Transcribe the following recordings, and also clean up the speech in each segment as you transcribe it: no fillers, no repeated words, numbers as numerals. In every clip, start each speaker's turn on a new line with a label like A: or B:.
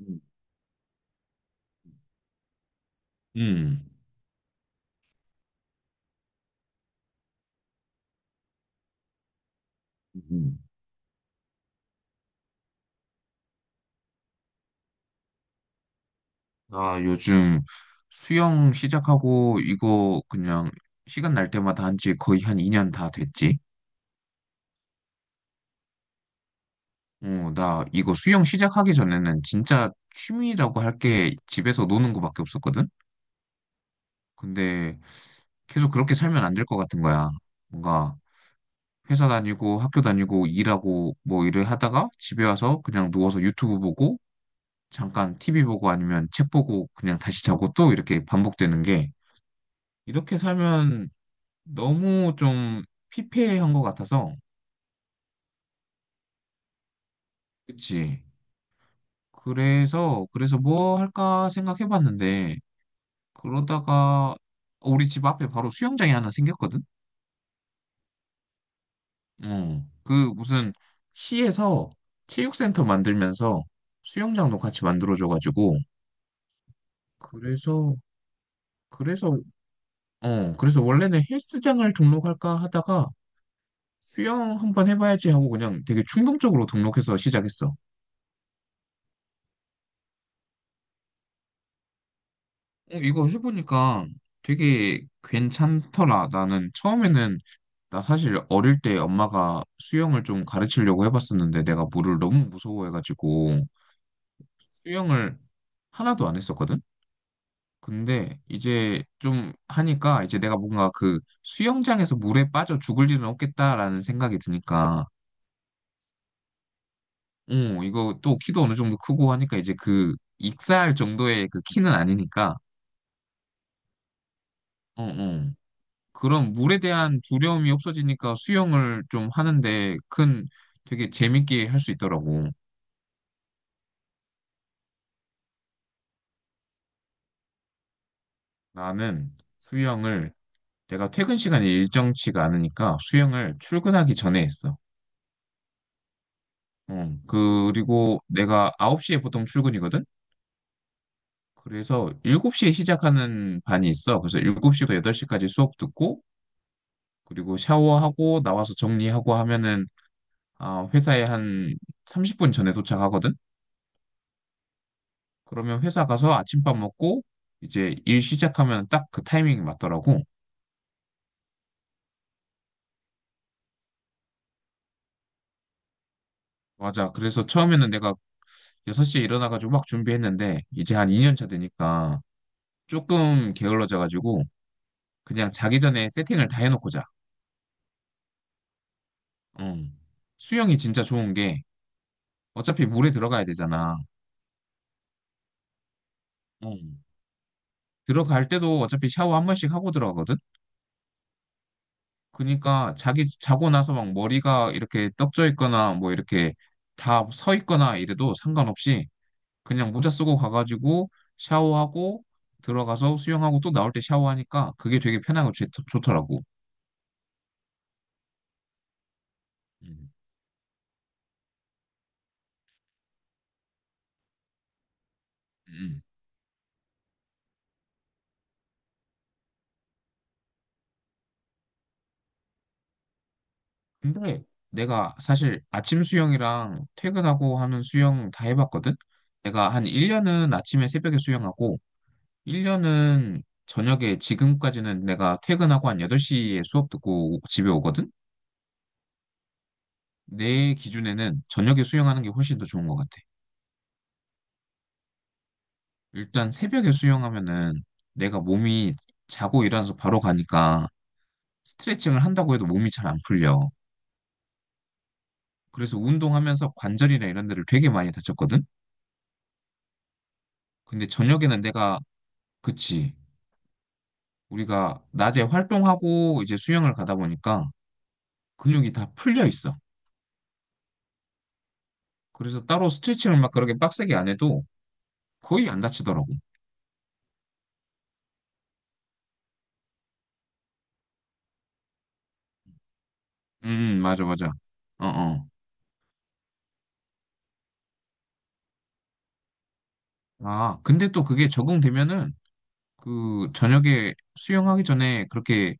A: 음, 음. 음. 나 요즘 수영 시작하고 이거 그냥 시간 날 때마다 한지 거의 한 2년 다 됐지. 어, 나 이거 수영 시작하기 전에는 진짜 취미라고 할 게 집에서 노는 거밖에 없었거든. 근데 계속 그렇게 살면 안 될 것 같은 거야. 뭔가 회사 다니고 학교 다니고 일하고 뭐 일을 하다가 집에 와서 그냥 누워서 유튜브 보고 잠깐 TV 보고 아니면 책 보고 그냥 다시 자고 또 이렇게 반복되는 게, 이렇게 살면 너무 좀 피폐한 것 같아서. 그치. 그래서 뭐 할까 생각해봤는데, 그러다가 우리 집 앞에 바로 수영장이 하나 생겼거든. 어그 무슨 시에서 체육센터 만들면서 수영장도 같이 만들어줘가지고, 그래서 그래서 그래서 원래는 헬스장을 등록할까 하다가 수영 한번 해봐야지 하고 그냥 되게 충동적으로 등록해서 시작했어. 어, 이거 해보니까 되게 괜찮더라. 나는 처음에는 나 사실 어릴 때 엄마가 수영을 좀 가르치려고 해봤었는데 내가 물을 너무 무서워해가지고 수영을 하나도 안 했었거든? 근데 이제 좀 하니까 이제 내가 뭔가 그 수영장에서 물에 빠져 죽을 일은 없겠다라는 생각이 드니까, 어, 이거 또 키도 어느 정도 크고 하니까 이제 그 익사할 정도의 그 키는 아니니까. 어, 어. 그런 물에 대한 두려움이 없어지니까 수영을 좀 하는데 큰 되게 재밌게 할 수 있더라고. 나는 수영을 내가 퇴근 시간이 일정치가 않으니까 수영을 출근하기 전에 했어. 응. 그리고 내가 9시에 보통 출근이거든? 그래서 7시에 시작하는 반이 있어. 그래서 7시부터 8시까지 수업 듣고 그리고 샤워하고 나와서 정리하고 하면은 회사에 한 30분 전에 도착하거든? 그러면 회사 가서 아침밥 먹고 이제 일 시작하면 딱 그 타이밍이 맞더라고. 맞아. 그래서 처음에는 내가 6시에 일어나가지고 막 준비했는데 이제 한 2년 차 되니까 조금 게을러져가지고 그냥 자기 전에 세팅을 다 해놓고 자. 음. 수영이 진짜 좋은 게 어차피 물에 들어가야 되잖아. 음. 들어갈 때도 어차피 샤워 한 번씩 하고 들어가거든? 그러니까 자기 자고 나서 막 머리가 이렇게 떡져 있거나 뭐 이렇게 다 서 있거나 이래도 상관없이 그냥 모자 쓰고 가가지고 샤워하고 들어가서 수영하고 또 나올 때 샤워하니까 그게 되게 편하고 좋더라고. 음. 음. 근데 내가 사실 아침 수영이랑 퇴근하고 하는 수영 다 해봤거든? 내가 한 1년은 아침에 새벽에 수영하고, 1년은 저녁에, 지금까지는 내가 퇴근하고 한 8시에 수업 듣고 집에 오거든? 내 기준에는 저녁에 수영하는 게 훨씬 더 좋은 것 같아. 일단 새벽에 수영하면은 내가 몸이 자고 일어나서 바로 가니까 스트레칭을 한다고 해도 몸이 잘 안 풀려. 그래서 운동하면서 관절이나 이런 데를 되게 많이 다쳤거든? 근데 저녁에는 내가, 그치. 우리가 낮에 활동하고 이제 수영을 가다 보니까 근육이 다 풀려 있어. 그래서 따로 스트레칭을 막 그렇게 빡세게 안 해도 거의 안 다치더라고. 음, 맞아, 맞아. 어, 어. 아, 근데 또 그게 적응되면은 그 저녁에 수영하기 전에 그렇게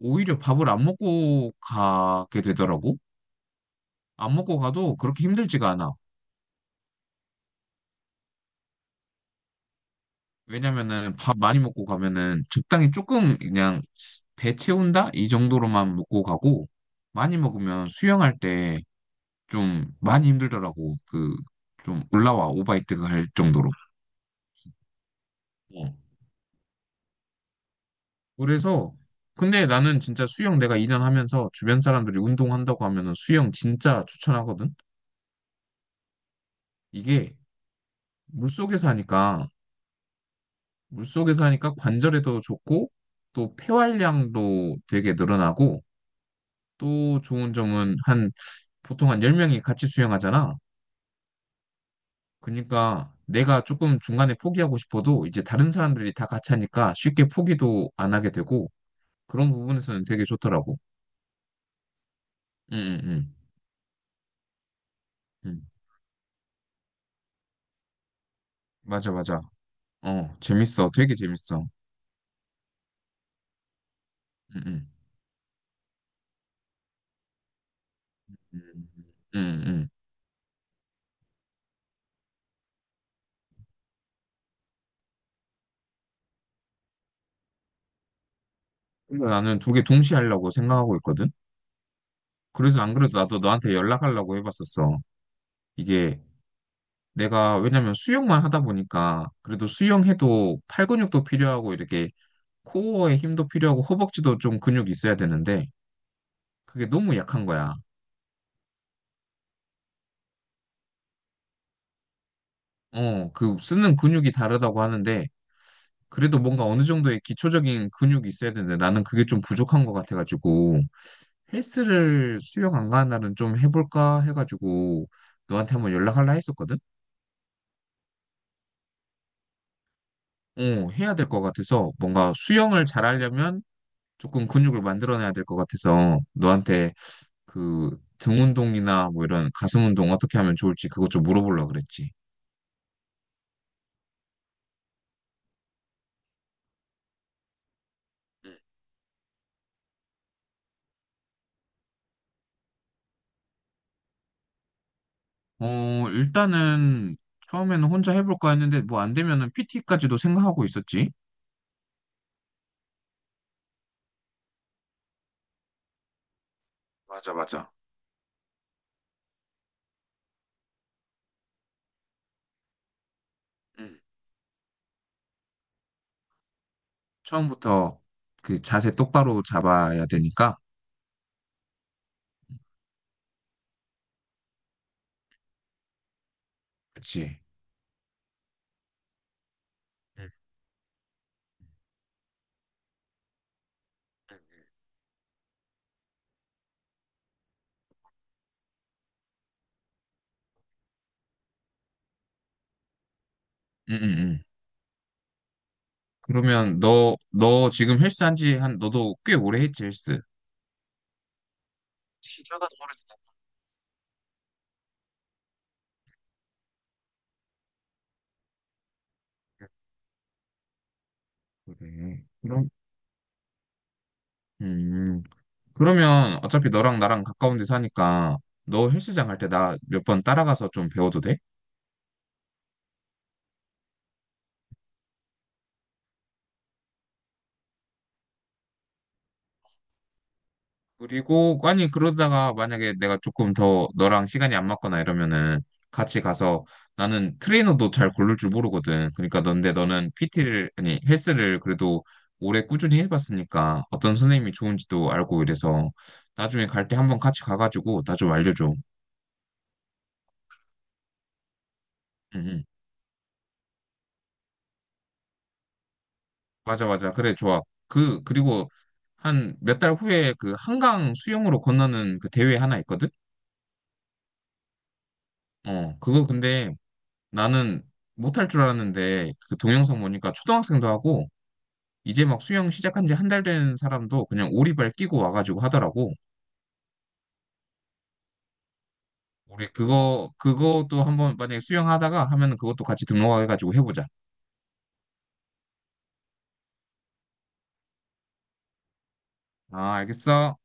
A: 오히려 밥을 안 먹고 가게 되더라고. 안 먹고 가도 그렇게 힘들지가 않아. 왜냐면은 밥 많이 먹고 가면은, 적당히 조금 그냥 배 채운다? 이 정도로만 먹고 가고, 많이 먹으면 수영할 때 좀 많이 힘들더라고. 그 좀 올라와 오바이트가 할 정도로. 어. 그래서 근데 나는 진짜 수영 내가 2년 하면서 주변 사람들이 운동한다고 하면은 수영 진짜 추천하거든. 이게 물속에서 하니까 물속에서 하니까 관절에도 좋고 또 폐활량도 되게 늘어나고 또 좋은 점은, 한 보통 한 10명이 같이 수영하잖아. 그러니까 내가 조금 중간에 포기하고 싶어도 이제 다른 사람들이 다 같이 하니까 쉽게 포기도 안 하게 되고, 그런 부분에서는 되게 좋더라고. 응, 응, 응. 응. 맞아, 맞아. 어, 재밌어. 되게 재밌어. 응, 응. 응, 응. 응. 근데 나는 두 개 동시에 하려고 생각하고 있거든. 그래서 안 그래도 나도 너한테 연락하려고 해봤었어. 이게 내가, 왜냐면 수영만 하다 보니까, 그래도 수영해도 팔 근육도 필요하고 이렇게 코어에 힘도 필요하고 허벅지도 좀 근육이 있어야 되는데 그게 너무 약한 거야. 그 쓰는 근육이 다르다고 하는데 그래도 뭔가 어느 정도의 기초적인 근육이 있어야 되는데 나는 그게 좀 부족한 것 같아가지고, 헬스를 수영 안 가는 날은 좀 해볼까 해가지고 너한테 한번 연락할라 했었거든? 어, 해야 될 것 같아서, 뭔가 수영을 잘하려면 조금 근육을 만들어내야 될 것 같아서, 너한테 그 등 운동이나 뭐 이런 가슴 운동 어떻게 하면 좋을지 그것 좀 물어보려고 그랬지. 응. 일단은 처음에는 혼자 해볼까 했는데 뭐 안 되면은 PT까지도 생각하고 있었지. 맞아, 맞아. 응. 처음부터 그 자세 똑바로 잡아야 되니까. 그치. 지 응, 응, 응. 응. 그러면 너 지금 헬스 한지 너도 꽤 오래 했지, 헬스. 시작은 오래됐네. 그래. 그럼, 음, 그러면 어차피 너랑 나랑 가까운 데 사니까 너 헬스장 갈 때 나 몇 번 따라가서 좀 배워도 돼? 그리고 아니, 그러다가 만약에 내가 조금 더 너랑 시간이 안 맞거나 이러면은 같이 가서, 나는 트레이너도 잘 고를 줄 모르거든. 그러니까 넌데 너는 PT를, 아니 헬스를 그래도 오래 꾸준히 해봤으니까 어떤 선생님이 좋은지도 알고 이래서, 나중에 갈 때 한번 같이 가가지고 나 좀 알려줘. 응, 맞아, 맞아. 그래, 좋아. 그리고 한 몇 달 후에 그 한강 수영으로 건너는 그 대회 하나 있거든? 그거 근데 나는 못할 줄 알았는데 그 동영상 보니까 초등학생도 하고 이제 막 수영 시작한 지 한 달 된 사람도 그냥 오리발 끼고 와가지고 하더라고. 우리 그것도 한번 만약에 수영하다가 하면은 그것도 같이 등록해가지고 해보자. 아, 알겠어.